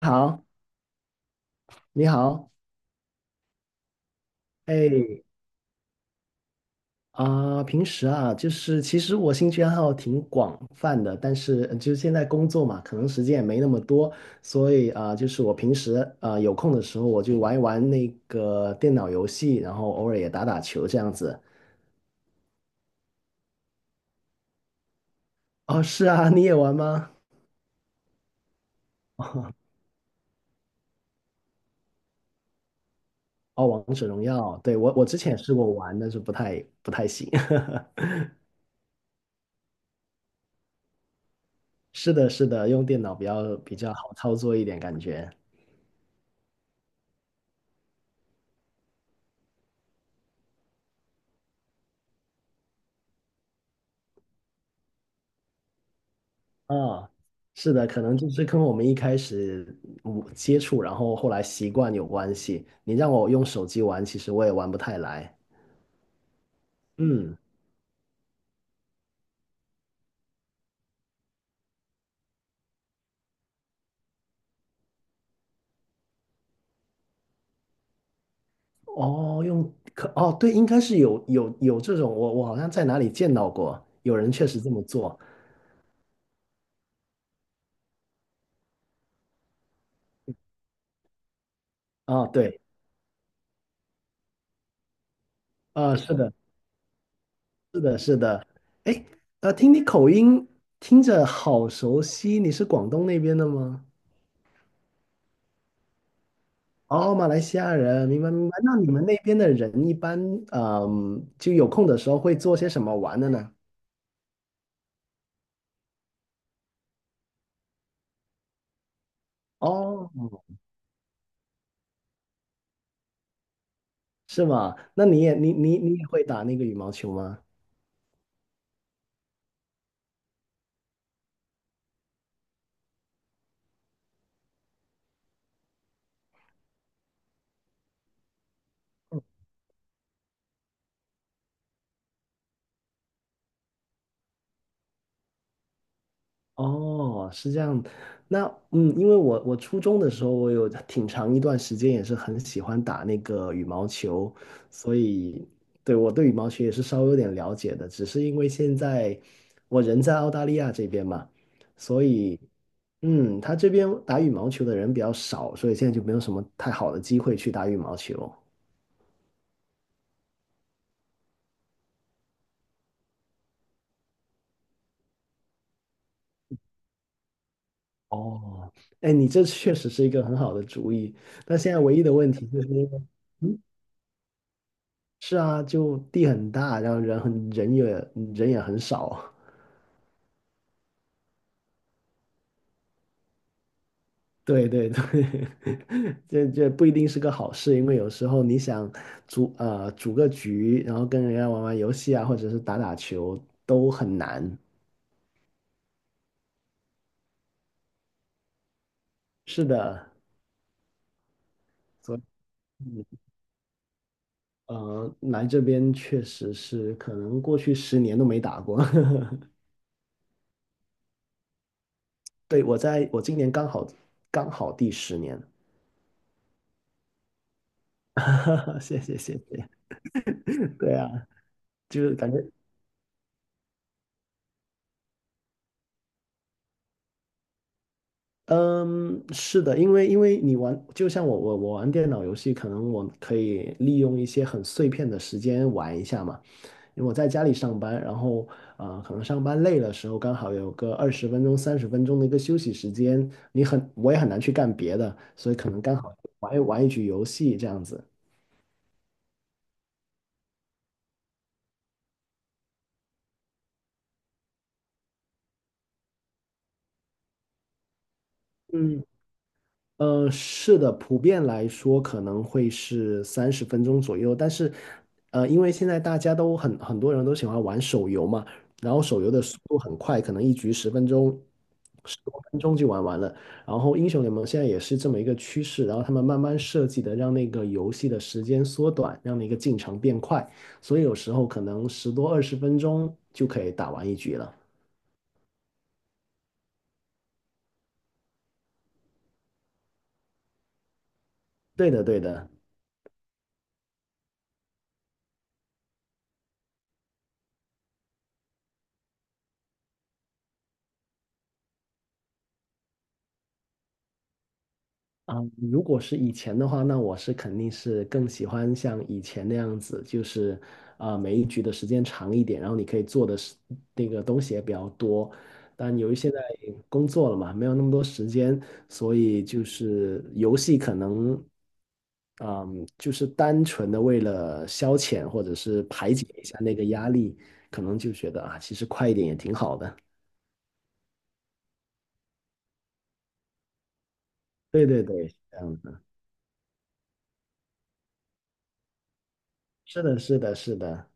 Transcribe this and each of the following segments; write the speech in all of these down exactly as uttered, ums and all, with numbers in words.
好，你好，哎，啊、平时啊，就是其实我兴趣爱好挺广泛的，但是呃就是现在工作嘛，可能时间也没那么多，所以啊、就是我平时啊、有空的时候，我就玩一玩那个电脑游戏，然后偶尔也打打球这样子。哦，是啊，你也玩吗？哦，王者荣耀，对，我我之前也试过玩，但是不太不太行。是的，是的，用电脑比较比较好操作一点，感觉。啊，是的，可能就是跟我们一开始嗯接触，然后后来习惯有关系。你让我用手机玩，其实我也玩不太来。嗯，哦，用可哦，对，应该是有有有这种，我我好像在哪里见到过，有人确实这么做。啊，对，啊，是的，是的，是的。哎，呃，听你口音，听着好熟悉，你是广东那边的吗？哦，马来西亚人，明白明白。那你们那边的人一般，嗯，就有空的时候会做些什么玩的呢？哦，是吗？那你也你你你也会打那个羽毛球吗？哦，是这样。那嗯，因为我我初中的时候，我有挺长一段时间也是很喜欢打那个羽毛球，所以对我对羽毛球也是稍微有点了解的。只是因为现在我人在澳大利亚这边嘛，所以嗯，他这边打羽毛球的人比较少，所以现在就没有什么太好的机会去打羽毛球。哦，哎，你这确实是一个很好的主意，但现在唯一的问题就是因为嗯，是啊，就地很大，然后人很人也人也很少，对对对，这这不一定是个好事，因为有时候你想组呃组个局，然后跟人家玩玩游戏啊，或者是打打球都很难。是的，所以呃，来这边确实是可能过去十年都没打过。对，我在我今年刚好刚好第十年，谢谢谢谢。对啊，就是感觉，嗯，是的，因为因为你玩，就像我我我玩电脑游戏，可能我可以利用一些很碎片的时间玩一下嘛。因为我在家里上班，然后啊、呃可能上班累的时候，刚好有个二十分钟、三十分钟的一个休息时间，你很，我也很难去干别的，所以可能刚好玩一玩一局游戏这样子。嗯，呃，是的，普遍来说可能会是三十分钟左右，但是，呃，因为现在大家都很很多人都喜欢玩手游嘛，然后手游的速度很快，可能一局十分钟、十多分钟就玩完了。然后英雄联盟现在也是这么一个趋势，然后他们慢慢设计的让那个游戏的时间缩短，让那个进程变快，所以有时候可能十多二十分钟就可以打完一局了。对的，对的。啊，如果是以前的话，那我是肯定是更喜欢像以前那样子，就是啊、每一局的时间长一点，然后你可以做的是那个东西也比较多。但由于现在工作了嘛，没有那么多时间，所以就是游戏可能，嗯，就是单纯的为了消遣或者是排解一下那个压力，可能就觉得啊，其实快一点也挺好的。对对对，是这样子。是的，是的，是的。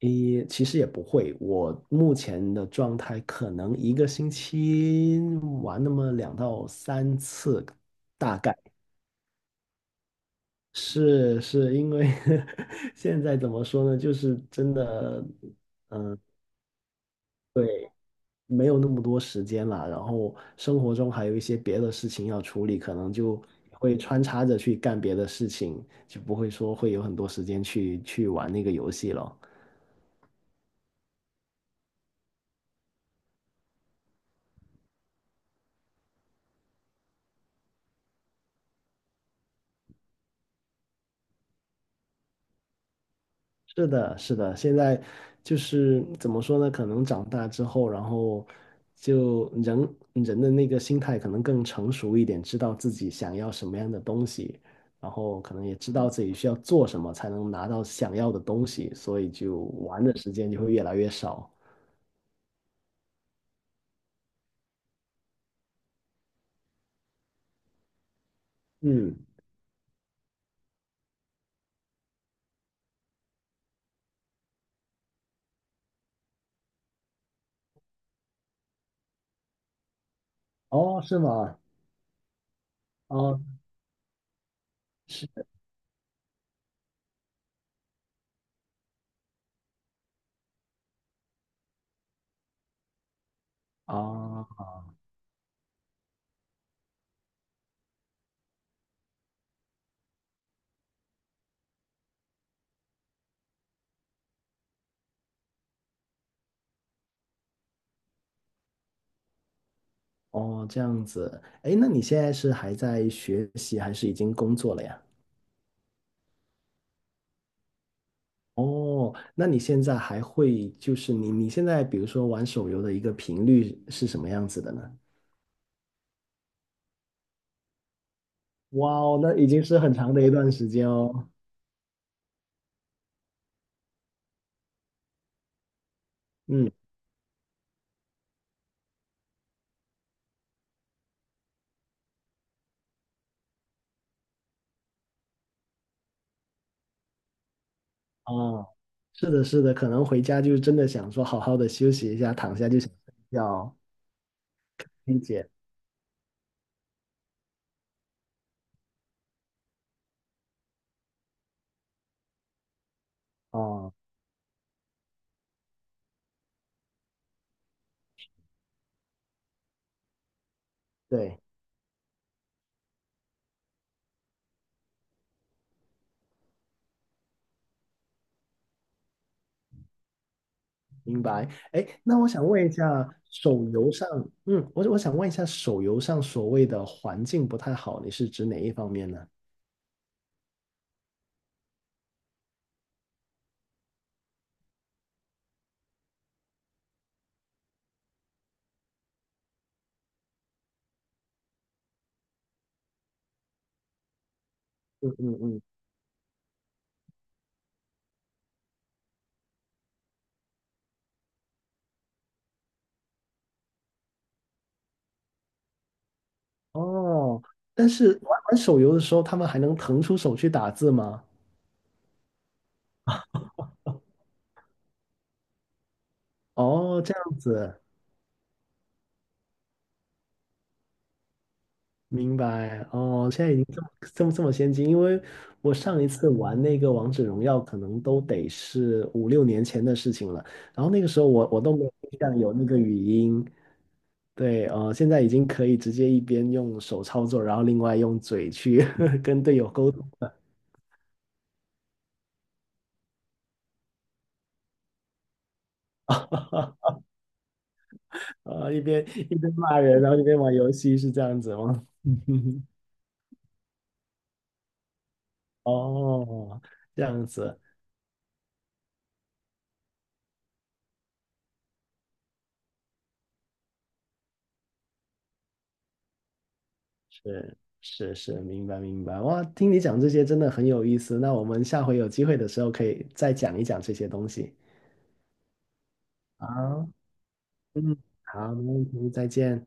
诶，其实也不会，我目前的状态可能一个星期玩那么两到三次，大概是是因为 现在怎么说呢，就是真的，对，没有那么多时间了，然后生活中还有一些别的事情要处理，可能就会穿插着去干别的事情，就不会说会有很多时间去去玩那个游戏了。是的，是的，现在就是怎么说呢？可能长大之后，然后就人人的那个心态可能更成熟一点，知道自己想要什么样的东西，然后可能也知道自己需要做什么才能拿到想要的东西，所以就玩的时间就会越来越少。嗯，哦，是吗？哦，是啊，哦，这样子。哎，那你现在是还在学习，还是已经工作了呀？哦，那你现在还会就是你你现在比如说玩手游的一个频率是什么样子的呢？哇哦，那已经是很长的一段时间哦。嗯啊，是的，是的，可能回家就真的想说好好的休息一下，躺下就想睡觉哦。理解哦，对，明白。哎，那我想问一下，手游上，嗯，我我想问一下，手游上所谓的环境不太好，你是指哪一方面呢？嗯嗯嗯哦，但是玩玩手游的时候，他们还能腾出手去打字吗？哦，这样子，明白。哦，现在已经这么这么这么先进，因为我上一次玩那个王者荣耀，可能都得是五六年前的事情了。然后那个时候我我都没有印象有那个语音。对，呃，现在已经可以直接一边用手操作，然后另外用嘴去 跟队友沟通了。啊，一边一边骂人，然后一边玩游戏，是这样子吗？哦，这样子，是是是，明白明白。哇，听你讲这些真的很有意思。那我们下回有机会的时候可以再讲一讲这些东西。好，嗯，好，没问题，再见。